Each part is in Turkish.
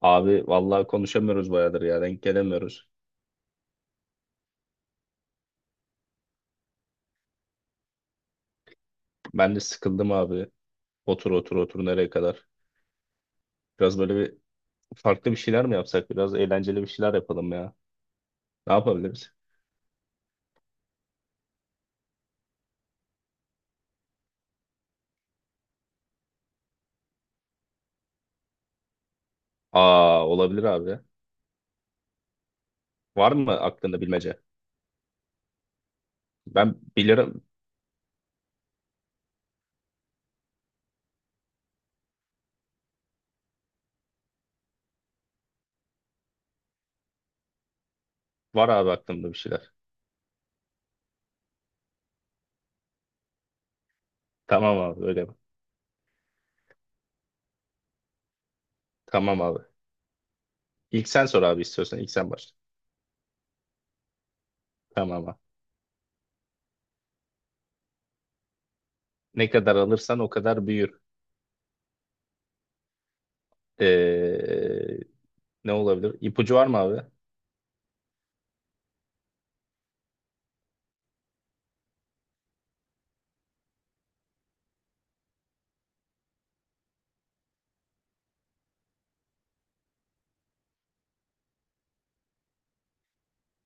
Abi vallahi konuşamıyoruz bayağıdır ya, denk gelemiyoruz. Ben de sıkıldım abi. Otur otur otur, nereye kadar? Biraz böyle bir farklı bir şeyler mi yapsak? Biraz eğlenceli bir şeyler yapalım ya. Ne yapabiliriz? Aa, olabilir abi. Var mı aklında bilmece? Ben bilirim. Var abi, aklımda bir şeyler. Tamam abi, öyle mi? Tamam abi. İlk sen sor abi, istiyorsan ilk sen başla. Tamam abi. Ne kadar alırsan o kadar büyür. Ee, ne olabilir? İpucu var mı abi?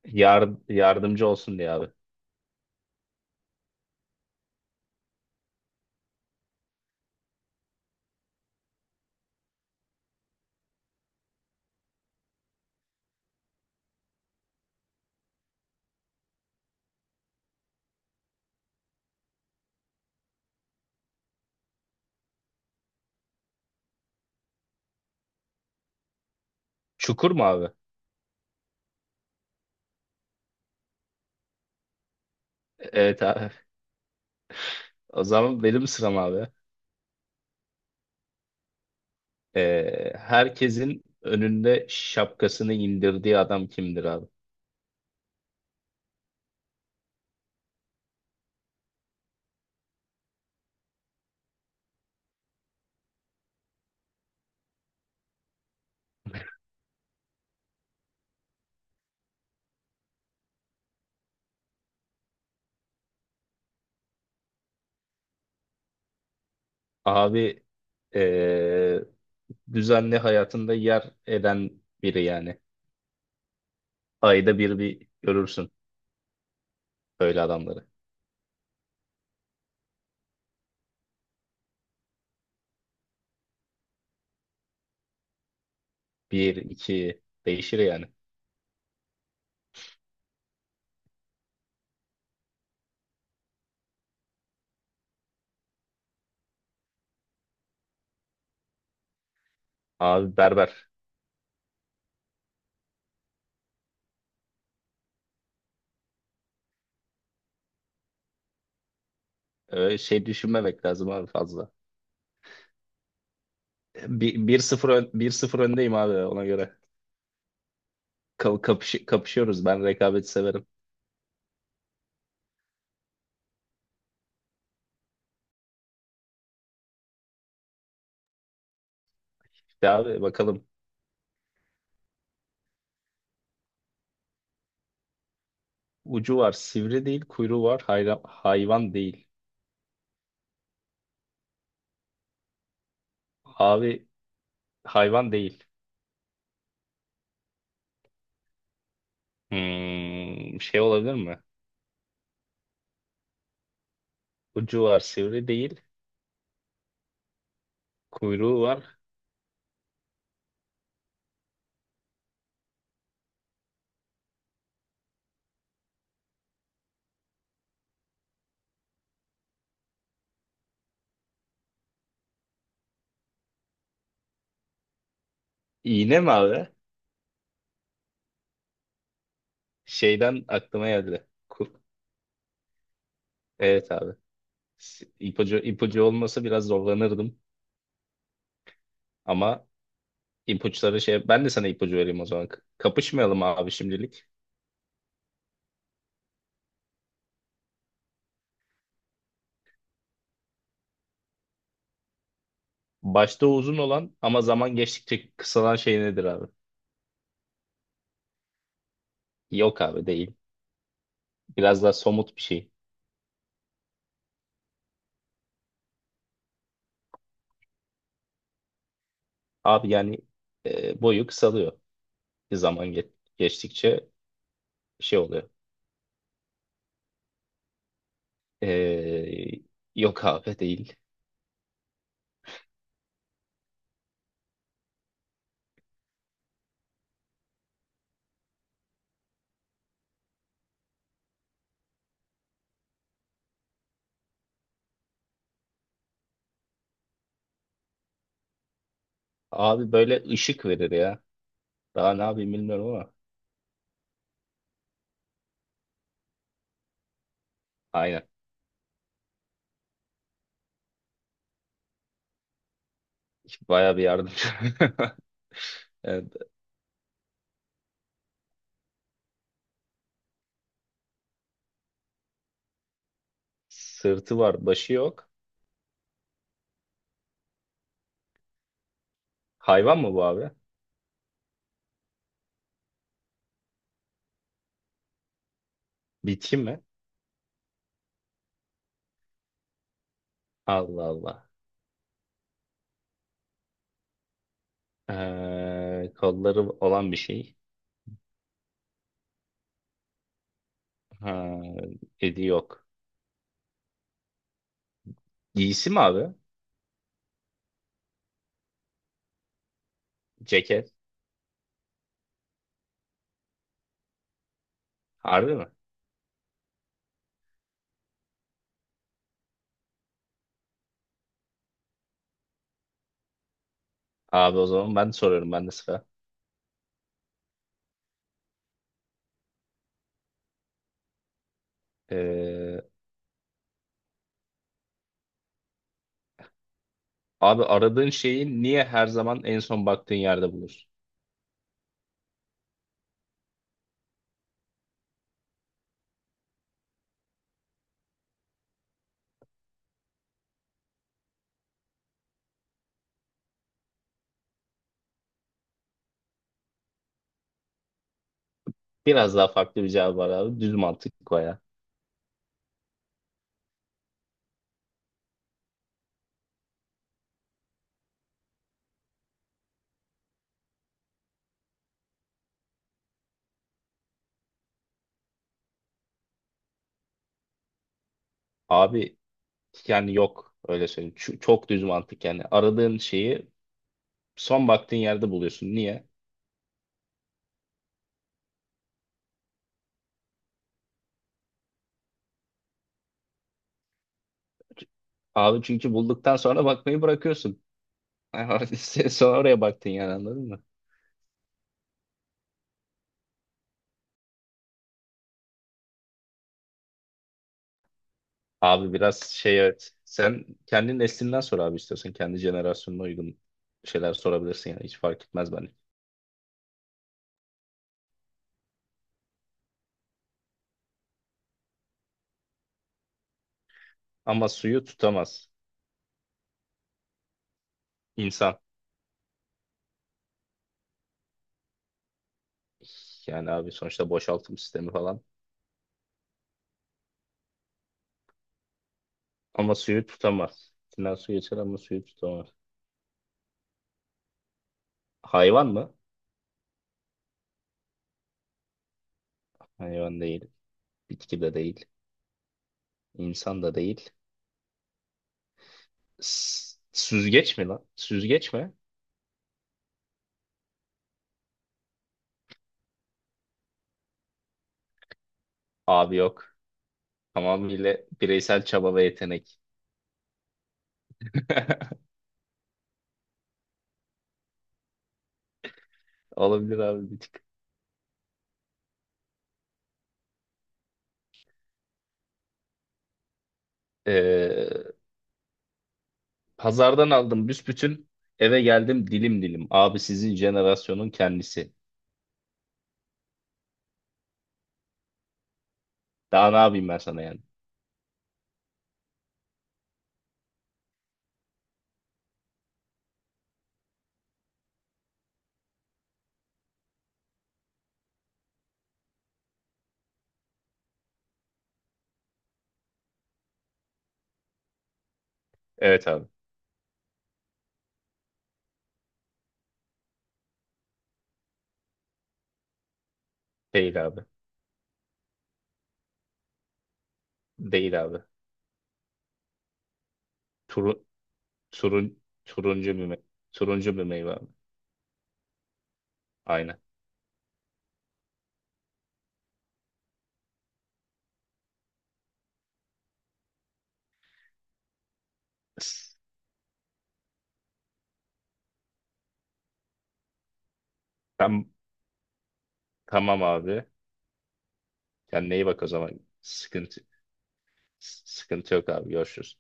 Yardımcı olsun diye abi. Çukur mu abi? Evet abi. O zaman benim sıram abi. Herkesin önünde şapkasını indirdiği adam kimdir abi? Abi ee, düzenli hayatında yer eden biri yani. Ayda bir görürsün böyle adamları. Bir, iki değişir yani. Abi berber. Öyle şey düşünmemek lazım abi fazla. Bir sıfır öndeyim abi, ona göre. Kapışıyoruz. Ben rekabeti severim. Ya abi, bakalım. Ucu var, sivri değil, kuyruğu var, hayvan değil. Abi, hayvan değil. Şey olabilir mi? Ucu var, sivri değil, kuyruğu var. İğne mi abi? Şeyden aklıma geldi. Evet abi. İpucu olmasa biraz zorlanırdım. Ama ipuçları şey. Ben de sana ipucu vereyim o zaman. Kapışmayalım abi şimdilik. Başta uzun olan ama zaman geçtikçe kısalan şey nedir abi? Yok abi, değil. Biraz daha somut bir şey. Abi yani boyu kısalıyor. Bir zaman geçtikçe şey oluyor. E, yok abi, değil. Abi, böyle ışık verir ya. Daha ne yapayım, bilmiyorum ama. Aynen. Baya bir yardımcı. Evet. Sırtı var, başı yok. Hayvan mı bu abi? Bitki mi? Allah Allah. Kolları olan bir şey. Ha, dedi yok. Giysi mi abi? Ceket. Harbi mi? Abi o zaman ben soruyorum, ben de sıra. E, Abi, aradığın şeyi niye her zaman en son baktığın yerde bulursun? Biraz daha farklı bir cevap var abi. Düz mantık o ya. Abi yani yok, öyle söyleyeyim. Çok düz mantık yani. Aradığın şeyi son baktığın yerde buluyorsun. Niye? Abi çünkü bulduktan sonra bakmayı bırakıyorsun. Sen sonra oraya baktın yani, anladın mı? Abi biraz şey, evet. Sen kendi neslinden sor abi istiyorsan. Kendi jenerasyonuna uygun şeyler sorabilirsin yani. Hiç fark etmez bence. Ama suyu tutamaz insan. Yani abi sonuçta boşaltım sistemi falan. Ama suyu tutamaz. İçinden su geçer ama suyu tutamaz. Hayvan mı? Hayvan değil. Bitki de değil. İnsan da değil. Süzgeç mi lan? Süzgeç mi? Abi yok. Tamamıyla bireysel çaba ve yetenek. Olabilir abi, bir tık. Ee, pazardan aldım büsbütün. Eve geldim dilim dilim. Abi sizin jenerasyonun kendisi. Daha ne yapayım ben sana yani? Evet abi. Değil abi. Değil abi. Turun, turuncu bir meyve. Turuncu bir meyve abi. Aynen. S- Tam, tamam abi. Kendine iyi bak o zaman. Sıkıntı yok abi. Görüşürüz.